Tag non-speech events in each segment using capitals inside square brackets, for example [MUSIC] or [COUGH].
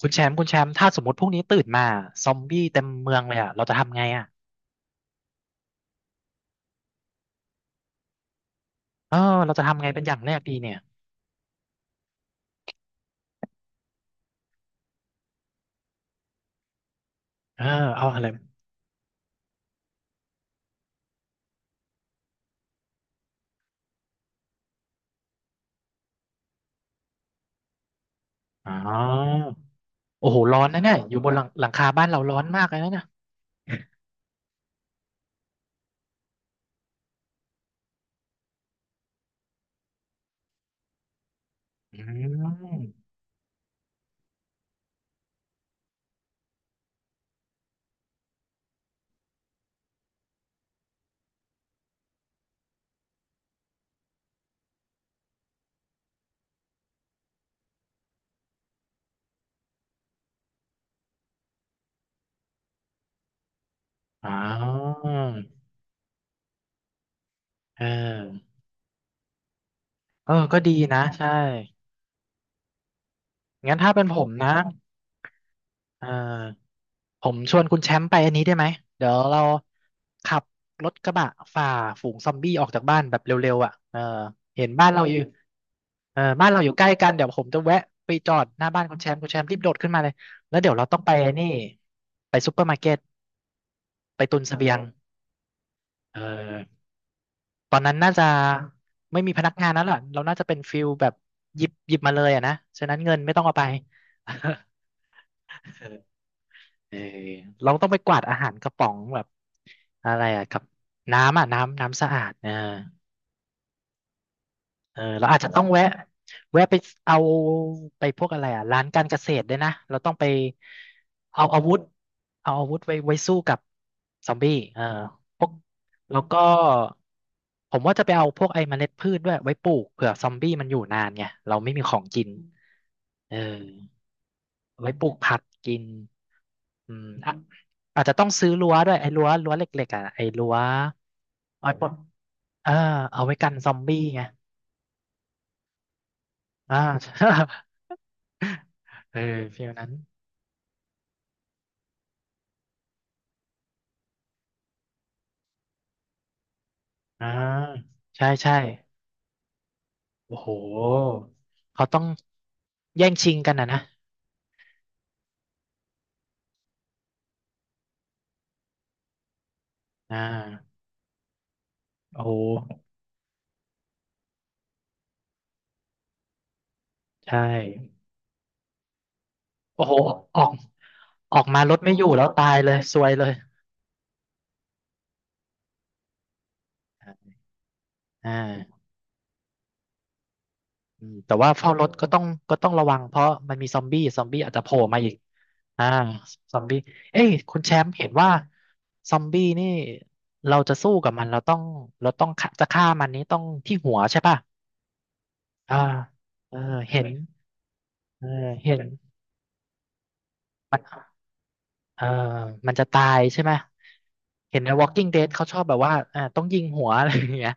คุณแชมป์คุณแชมป์ถ้าสมมติพรุ่งนี้ตื่นมาซอมบี้เต็มเมืองเลยอ่ะเราจะทำไงอ่ะเออเราจะทำไงเป็นอย่างแรกดีเนี่ยเออเอาอะไรอ๋อโอ้โหร้อนนะเนี่ยอยู่บนหลังคาบ้านเราร้อนมากเลยนะเนี่ยอืมอ๋อเออเออก็ดีนะใช่งั้นถ้าเป็นผมนะเออ ผมชวนคุณแชมป์ไปอันนี้ได้ไหมเดี๋ยวเราขับรถกระบะฝ่าฝูงซอมบี้ออกจากบ้านแบบเร็วๆอ่ะเออเห็นบ้านเราอยู่เออบ้านเราอยู่ใกล้กันเดี๋ยวผมจะแวะไปจอดหน้าบ้านคุณแชมป์คุณแชมป์รีบโดดขึ้นมาเลยแล้วเดี๋ยวเราต้องไปนี่ไปซปเปอร์มาร์เก็ตไปตุนเสบียงเออตอนนั้นน่าจะไม่มีพนักงานแล้วล่ะเราน่าจะเป็นฟิลแบบหยิบมาเลยอ่ะนะฉะนั้นเงินไม่ต้องเอาไป [LAUGHS] เออเราต้องไปกวาดอาหารกระป๋องแบบอะไรอะกับน้ำอ่ะน้ำน้ำสะอาดเออเออเราอาจจะต้องแวะไปเอาไปพวกอะไรอ่ะร้านการเกษตรด้วยนะเราต้องไปเอาอาวุธเอาอาวุธไว้สู้กับซอมบี้เออพวกแล้วก็ผมว่าจะไปเอาพวกไอ้เมล็ดพืชด้วยไว้ปลูกเผื่อซอมบี้มันอยู่นานไงเราไม่มีของกินเออไว้ปลูกผักกิน อืมอ่ะอาจจะต้องซื้อรั้วด้วยไอ้รั้วเหล็กๆอ่ะไอ้รั้วเอาไว้ปลดเออเอาไว้กันซอมบี้ไงอ่า [LAUGHS] เออฟีลนั้นอ่าใช่ใช่โอ้โหเขาต้องแย่งชิงกันอ่ะนะอ่าโอ้โหใช่โอ้โหออกออกมารถไม่อยู่แล้วตายเลยซวยเลยอ่าอืมแต่ว่าเฝ้ารถก็ต้องก็ต้องระวังเพราะมันมีซอมบี้ซอมบี้อาจจะโผล่มาอีก อ่าซอมบี้เอ้ยคุณแชมป์เห็นว่าซอมบี้นี่เราจะสู้กับมันเราต้องเราต้องฆ่าจะฆ่ามันนี้ต้องที่หัวใช่ป่ะอ่าเออเห็นเออเห็นเออมันจะตายใช่ไหมเห็นใน Walking Dead เขาชอบแบบว่าต้องยิงหัว [LAUGHS] อะไรอย่างเงี้ย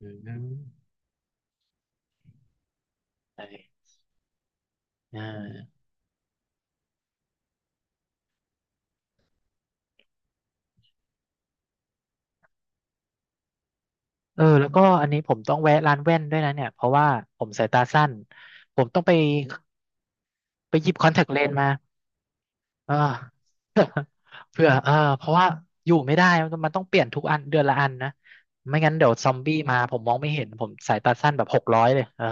อืมเออเออเออแล้วก็อันนี้ผมต้องแวะร้านแว่นด้วยนะเนี่ยเพราะว่าผมสายตาสั้นผมต้องไปไปหยิบคอนแทคเลนส์มา อ่า [LAUGHS] เพื่อเพราะว่าอยู่ไม่ได้มันต้องเปลี่ยนทุกอันเดือนละอันนะไม่งั้นเดี๋ยวซอมบี้มาผมมองไม่เห็นผมสายตาสั้นแบบ600เลยเออ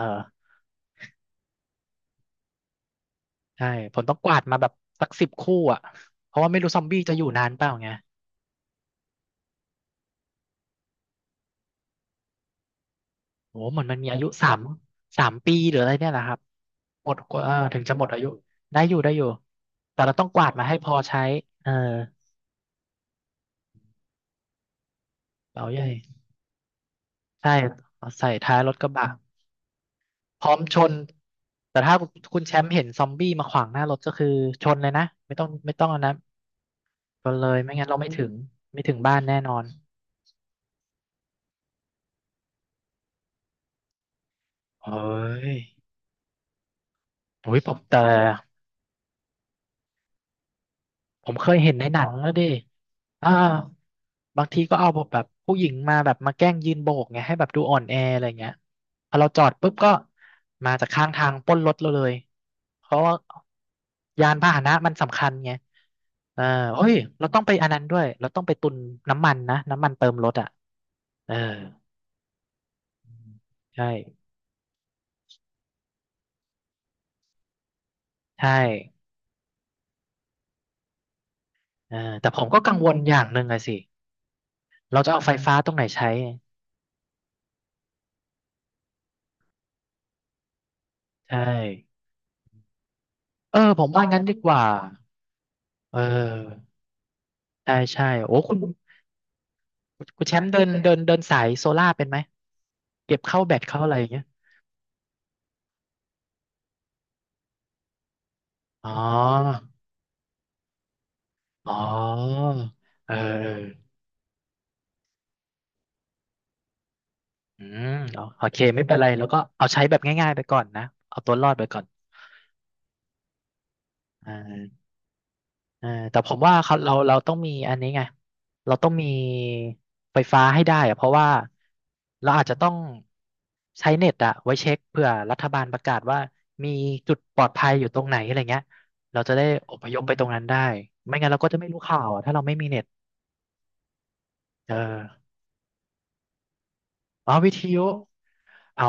ใช่ผมต้องกวาดมาแบบสัก10คู่อ่ะเพราะว่าไม่รู้ซอมบี้จะอยู่นานเปล่าไงโอ้เหมือนมันมีอายุสามปีหรืออะไรเนี่ยแหละครับหมดกว่าเออถึงจะหมดอายุได้อยู่แต่เราต้องกวาดมาให้พอใช้เออเป๋าใหญ่ใช่เอาใส่ท้ายรถกระบะ พร้อมชนแต่ถ้าคุณแชมป์เห็นซอมบี้มาขวางหน้ารถก็คือชนเลยนะไม่ต้องอันนะชนเลยไม่งั้นเราไม่ถึงไม่ถึงบ้านแน่นอนเฮ้ยโอ้ยผมแต่ผมเคยเห็นในหนังแล้วดิอ่า บางทีก็เอาแบบผู้หญิงมาแบบมาแกล้งยืนโบกไงให้แบบดูอ่อนแออะไรเงี้ยพอเราจอดปุ๊บก็มาจากข้างทางปล้นรถเราเลยเพราะว่ายานพาหนะมันสำคัญไงเออเฮ้ยเราต้องไปอันนั้นด้วยเราต้องไปตุนน้ำมันนะน้ำมันเติมรถอ่ะเออใช่ใช่เออแต่ผมก็กังวลอย่างหนึ่งอะสิเราจะเอาไฟฟ้าตรงไหนใช้ใช่เออผมว่างั้นดีกว่าเออใช่ใช่โอ้คุณ คุณแชมป์เดินเดินเดินสายโซล่าเป็นไหมเก็บเข้าแบตเข้าอะไรอย่างเงี้ยอ๋ออ๋อเออเอออืมโอเคไม่เป็นไรแล้วก็เอาใช้แบบง่ายๆไปก่อนนะเอาตัวรอดไปก่อนอ่า เออแต่ผมว่าเขาเราต้องมีอันนี้ไงเราต้องมีไฟฟ้าให้ได้อะเพราะว่าเราอาจจะต้องใช้เน็ตอะไว้เช็คเผื่อรัฐบาลประกาศว่ามีจุดปลอดภัยอยู่ตรงไหนอะไรเงี้ยเราจะได้อพยพไปตรงนั้นได้ไม่งั้นเราก็จะไม่รู้ข่าวอะถ้าเราไม่มีเน็ตเออวิทยุเอา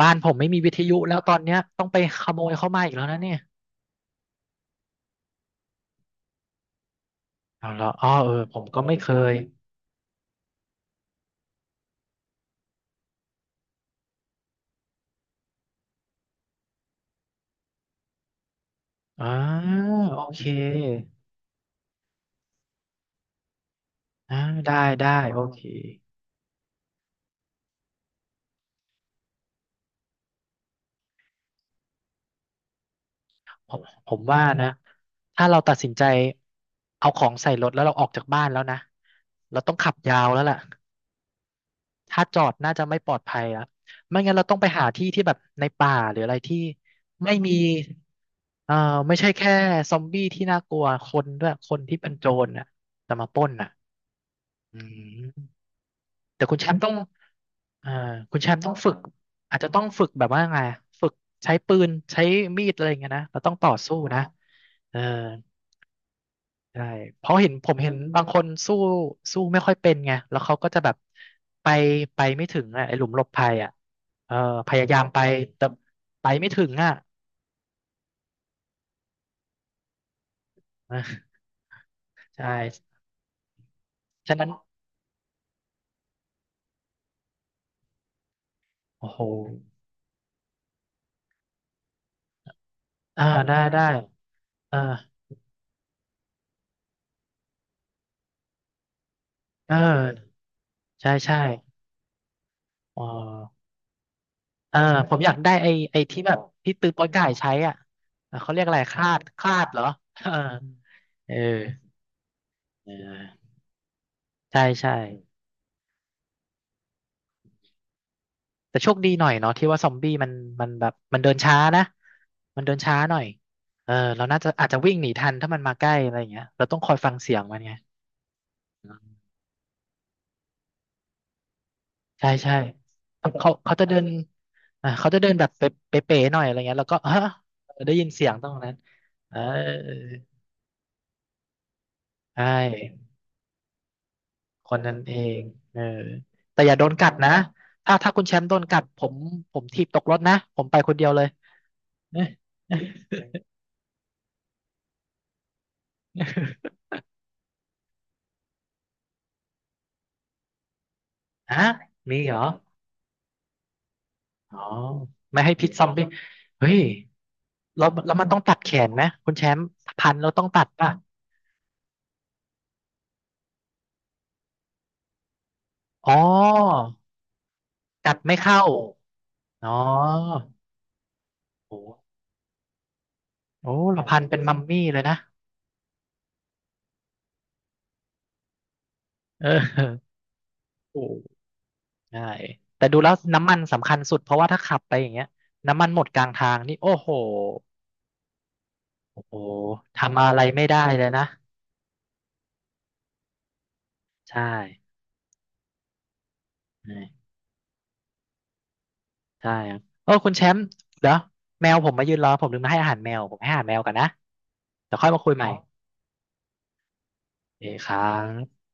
บ้านผมไม่มีวิทยุแล้วตอนเนี้ยต้องไปขโมยเข้ามาอีกแล้วนะเนี่ยเอาละอ๋อเออผมก็ไม่เคยอ่าโอเค อ่าได้ได้โอเคผมว่านะถ้าเราตัดสินใจเอาของใส่รถแล้วเราออกจากบ้านแล้วนะเราต้องขับยาวแล้วล่ะถ้าจอดน่าจะไม่ปลอดภัยละไม่งั้นเราต้องไปหาที่ที่แบบในป่าหรืออะไรที่ไม่มีเอ่อไม่ใช่แค่ซอมบี้ที่น่ากลัวคนด้วยคนที่เป็นโจรน่ะจะมาปล้นน่ะอืม แต่คุณแชมป์ต้องเอ่อคุณแชมป์ต้องฝึก อาจจะต้องฝึกแบบว่าไงฝึกใช้ปืน ใช้มีดอะไรอย่างเงี้ยนะเราต้องต่อสู้นะเออใช่เพราะเห็นผมเห็นบางคนสู้สู้ไม่ค่อยเป็นไงแล้วเขาก็จะแบบไปไม่ถึงอ่ะไอ้หลุมหลบภัยอ่ะเออพยายามไป แต่ไปไม่ถึงอ่ะเออใช่ฉะนั้นโอ้โหอ่าได้ได้เออเออใช่ใช่อ๋อ เออผมอยากได้ไอ้ที่แบบที่ตือโป๊ยก่ายใช้อ่ะเออเขาเรียกอะไรคลาดคลาดเหรอ [LAUGHS] เออเออเออใช่ใช่แต่โชคดีหน่อยเนาะที่ว่าซอมบี้มันแบบมันเดินช้านะมันเดินช้าหน่อยเออเราน่าจะอาจจะวิ่งหนีทันถ้ามันมาใกล้อะไรอย่างเงี้ยเราต้องคอยฟังเสียงมันไงใช่ใช่เขาจะเดินอ่าเขาจะเดินแบบเป๊ะๆหน่อยอะไรเงี้ยแล้วก็ฮะได้ยินเสียงตรงนั้นเออใช่ คนนั้นเองเออแต่อย่าโดนกัดนะถ้าคุณแชมป์โดนกัดผมถีบตกรถนะผมไปคนเดียวเลย [LAUGHS] เอ๊ะฮะมีเหรออ๋อไม่ให้พิษซอมบี้เฮ้ยแล้วมันต้องตัดแขนไหมคุณแชมป์พันเราต้องตัดป่ะอ๋อกัดไม่เข้าอ๋อโอ้โอ้เราพันเป็นมัมมี่เลยนะเออโอ้ใช่แต่ดูแล้วน้ำมันสำคัญสุดเพราะว่าถ้าขับไปอย่างเงี้ยน้ำมันหมดกลางทางนี่โอ้โห โอ้ ทำอะไรไม่ได้เลยนะ ใช่ ใช่ใช่ครับโอ้คุณแชมป์เดี๋ยวแมวผมมายืนรอผมลืมมาให้อาหารแมว ผมให้อาหารแมวกันนะเดี๋ยวค่อยมาคุยใหม่โอเคครับ